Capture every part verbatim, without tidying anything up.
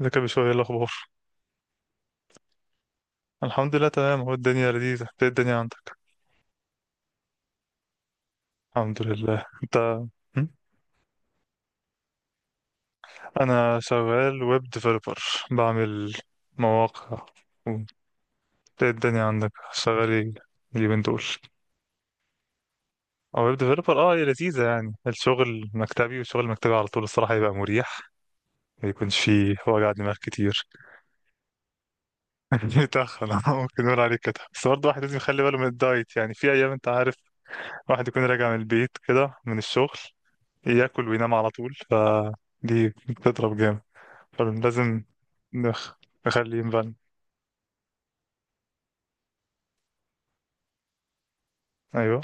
ازيك يا بشوي؟ ايه الاخبار؟ الحمد لله، تمام، اهو الدنيا لذيذه. إنت ايه الدنيا عندك؟ الحمد لله. انت؟ م؟ انا شغال ويب ديفلوبر، بعمل مواقع و- ايه الدنيا عندك؟ شغال ايه اليومين دول؟ او ويب ديفلوبر، اه هي لذيذه يعني. الشغل مكتبي، والشغل المكتبي على طول الصراحه يبقى مريح، ما يكونش فيه وجع دماغ كتير. بيتخن، آه، ممكن نقول عليه كده، بس برضه الواحد لازم يخلي باله من الدايت يعني. في ايام انت عارف واحد يكون راجع من البيت كده من الشغل، ياكل وينام على طول، فدي بتضرب جامد. فلازم نخ... نخليه ينبان. ايوه.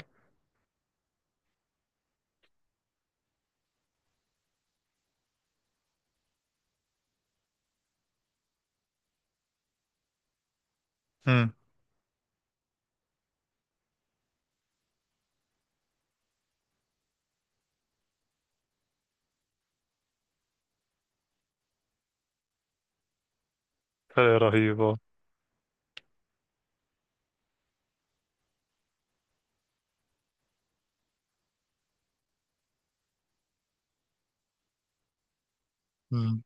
امم. فرق رهيب اه. أمم.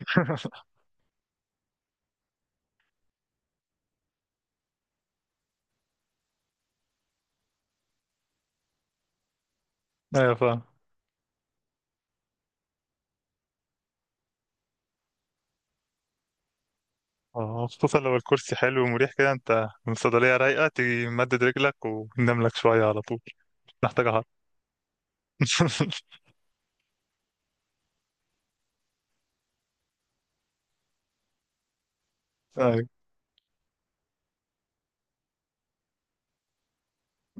ايوه فاهم. اه، خصوصا لو الكرسي حلو ومريح كده، انت من الصيدلية رايقة، تيجي مدد رجلك وننام لك شوية على طول. محتاجة حر. ايوه.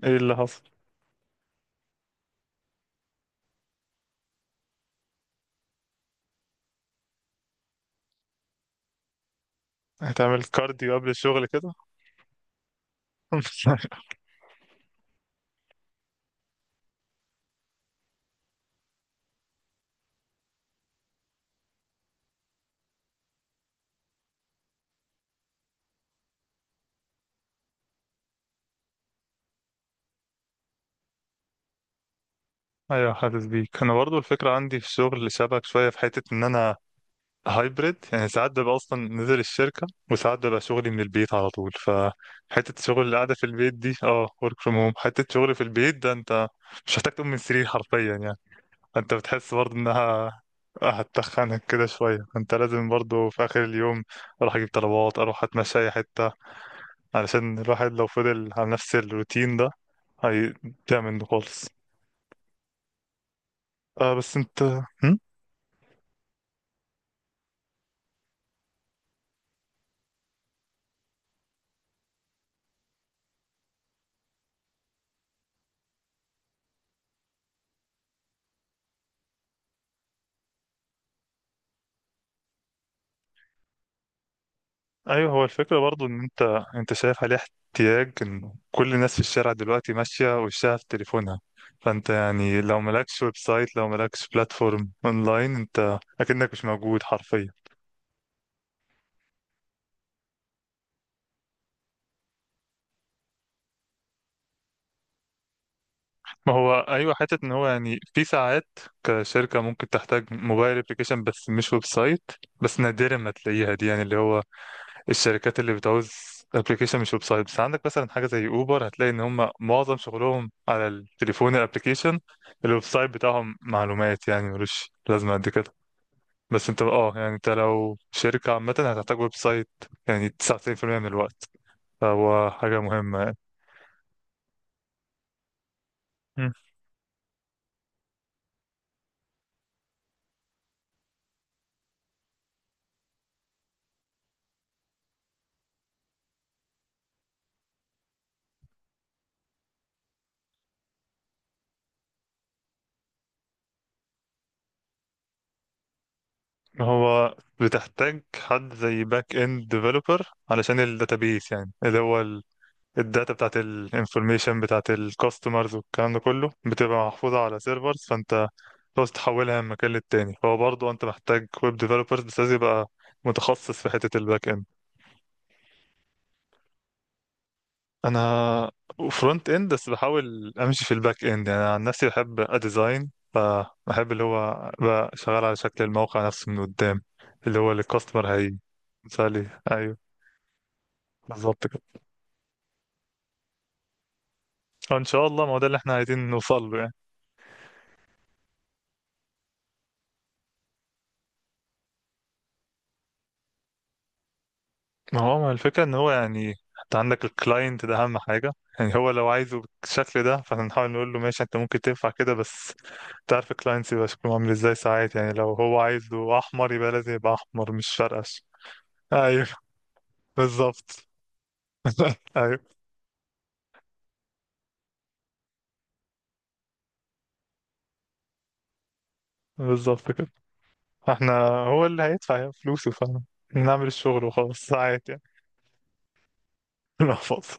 ايه اللي حصل؟ هتعمل كارديو قبل الشغل كده؟ ايوه حاسس بيك. انا برضو الفكرة عندي في الشغل شبك شوية، في حتة ان انا هايبريد يعني. ساعات ببقى اصلا نزل الشركه، وساعات ببقى شغلي من البيت على طول. فحته شغل القعده في البيت دي، اه، ورك فروم هوم، حته شغل في البيت ده، انت مش محتاج تقوم من السرير حرفيا يعني. انت بتحس برضه انها هتتخنك كده شويه. انت لازم برضه في اخر اليوم اروح اجيب طلبات، اروح اتمشى اي حته، علشان الواحد لو فضل على نفس الروتين ده هيضيع منه خالص. آه بس انت هم؟ ايوه. هو الفكره برضو ان انت انت شايف عليه احتياج، ان كل الناس في الشارع دلوقتي ماشيه وشها في تليفونها، فانت يعني لو مالكش ويب سايت، لو مالكش بلاتفورم اونلاين، انت اكنك مش موجود حرفيا. ما هو ايوه. حته ان هو يعني، في ساعات كشركه ممكن تحتاج موبايل ابلكيشن بس مش ويب سايت، بس نادرا ما تلاقيها دي يعني. اللي هو الشركات اللي بتعوز ابلكيشن مش ويب سايت. بس عندك مثلا حاجه زي اوبر، هتلاقي ان هم معظم شغلهم على التليفون، الابلكيشن. الويب سايت بتاعهم معلومات يعني، ملوش لازمه قد كده. بس انت اه يعني انت لو شركه عامه هتحتاج ويب سايت، يعني تسعة وتسعين في المية من الوقت. فهو حاجه مهمه يعني. مم. هو بتحتاج حد زي باك اند ديفلوبر علشان الداتابيس، يعني اللي هو الداتا بتاعت الانفورميشن بتاعت الكاستمرز والكلام ده كله، بتبقى محفوظة على سيرفرز. فانت بس تحولها من مكان للتاني، فهو برضه انت محتاج ويب ديفلوبرز، بس لازم يبقى متخصص في حتة الباك اند. انا فرونت اند، بس بحاول امشي في الباك اند يعني. انا عن نفسي بحب اديزاين، فبحب اللي هو بقى شغال على شكل الموقع نفسه من قدام، اللي هو اللي الكاستمر هي. مثالي، ايوه. بالظبط كده، ان شاء الله. ما هو ده اللي احنا عايزين نوصل له يعني. ما هو ما الفكرة ان هو يعني انت عندك الكلاينت ده اهم حاجة يعني. هو لو عايزه بالشكل ده فاحنا نحاول نقول له ماشي، انت ممكن تنفع كده، بس تعرف الكلاينت يبقى شكله عامل ازاي. ساعات يعني لو هو عايزه احمر يبقى لازم يبقى احمر، مش فرقش. ايوه. بالظبط. ايوه بالظبط كده. احنا هو اللي هيدفع يعني فلوسه، فنعمل الشغل وخلاص ساعات يعني. نحفظ.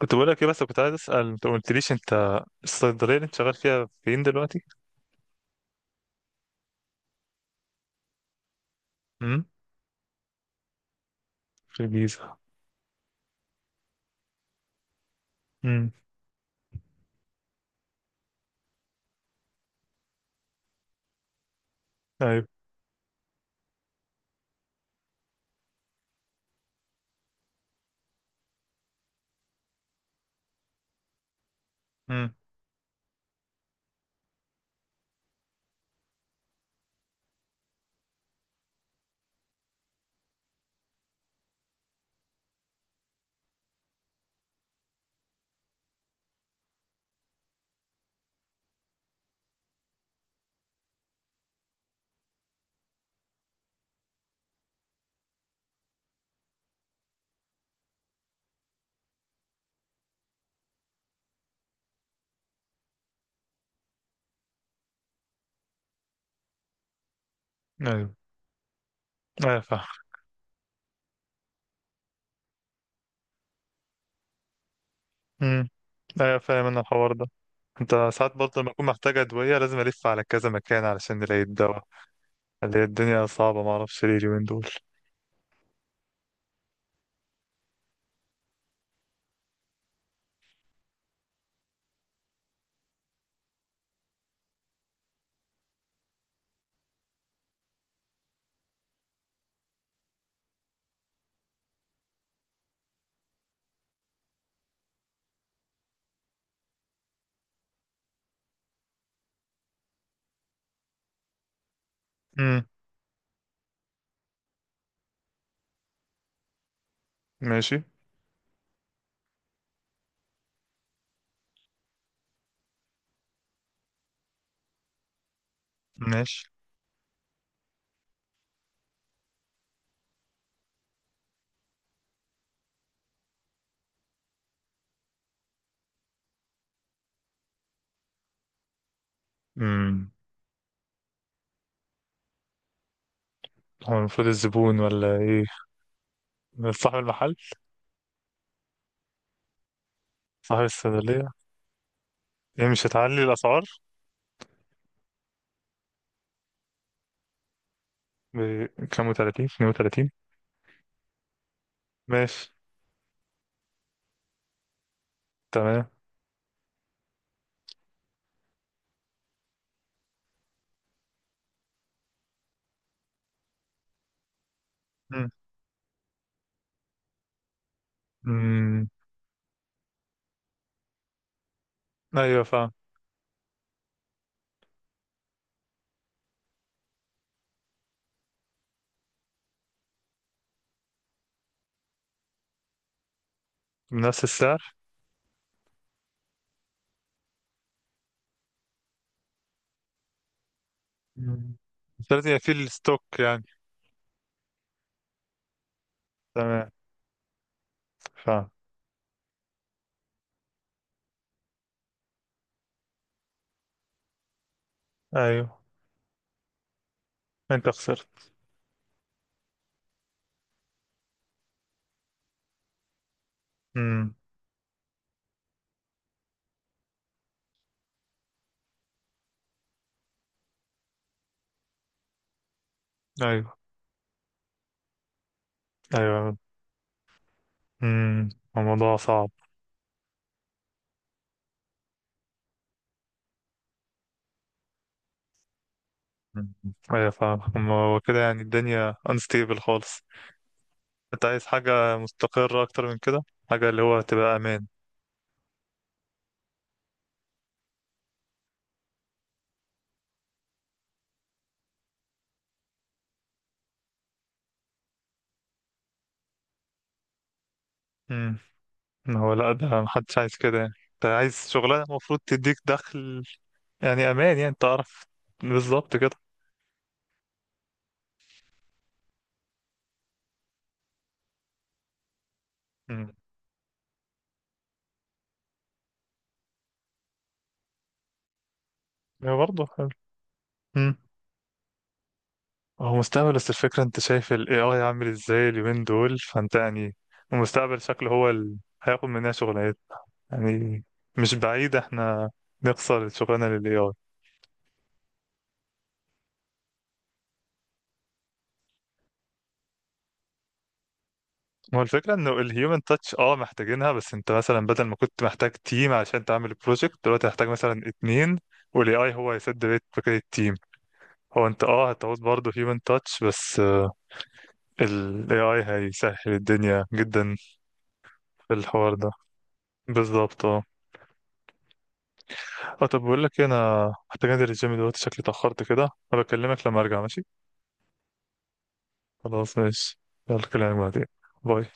كنت بقول لك ايه؟ بس كنت عايز اسال، انت ما قلتليش، انت الصيدليه اللي انت شغال فيها فين دلوقتي؟ امم. في الجيزه. امم. امم. ايوه. ايوه فاهم. امم. ايوه فاهم انا الحوار ده. انت ساعات برضه لما اكون محتاج ادويه لازم الف على كذا مكان علشان نلاقي الدواء. اللي هي الدنيا صعبه، ما اعرفش ليه اليومين دول. امم. ماشي. ماشي. امم. هو المفروض الزبون ولا ايه؟ صاحب المحل. صاحب الصيدليه. ايه مش هتعلي الاسعار؟ بكام؟ و30، اتنين وتلاتين. ماشي. تمام. امم. امم. ايوه فاهم. بنفس السعر. امم. لازم يبقى في الستوك يعني. تمام. فاهم. ايوه. انت خسرت. امم. ايوه. ايوه. امم. الموضوع صعب. مم. ايوه فاهم. أما هو كده، يعني الدنيا unstable خالص. انت عايز حاجة مستقرة اكتر من كده، حاجة اللي هو تبقى امان. امم. هو لا، ده محدش عايز كده يعني. انت عايز شغلانة المفروض تديك دخل، يعني امان، يعني تعرف. بالظبط كده. امم. هو برضه حلو. امم. هو مستقبل، بس الفكرة انت شايف ال إيه آي عامل ازاي اليومين دول، فانت يعني المستقبل شكله هو اللي هياخد مننا شغلانات يعني. مش بعيد احنا نخسر شغلنا للاي اي. هو الفكره انه الهيومن تاتش اه محتاجينها، بس انت مثلا بدل ما كنت محتاج تيم عشان تعمل بروجكت، دلوقتي هتحتاج مثلا اتنين، والاي اي هو هيسد بيت فكره التيم. هو انت اه هتعوز برضه هيومن تاتش، بس الاي اي هيسهل الدنيا جدا في الحوار ده. بالظبط اه. اه، طب بقول لك إيه، انا محتاج انزل الجيم دلوقتي، شكلي اتاخرت كده. هبكلمك لما ارجع، ماشي؟ خلاص ماشي. يلا كلامك بعدين. باي.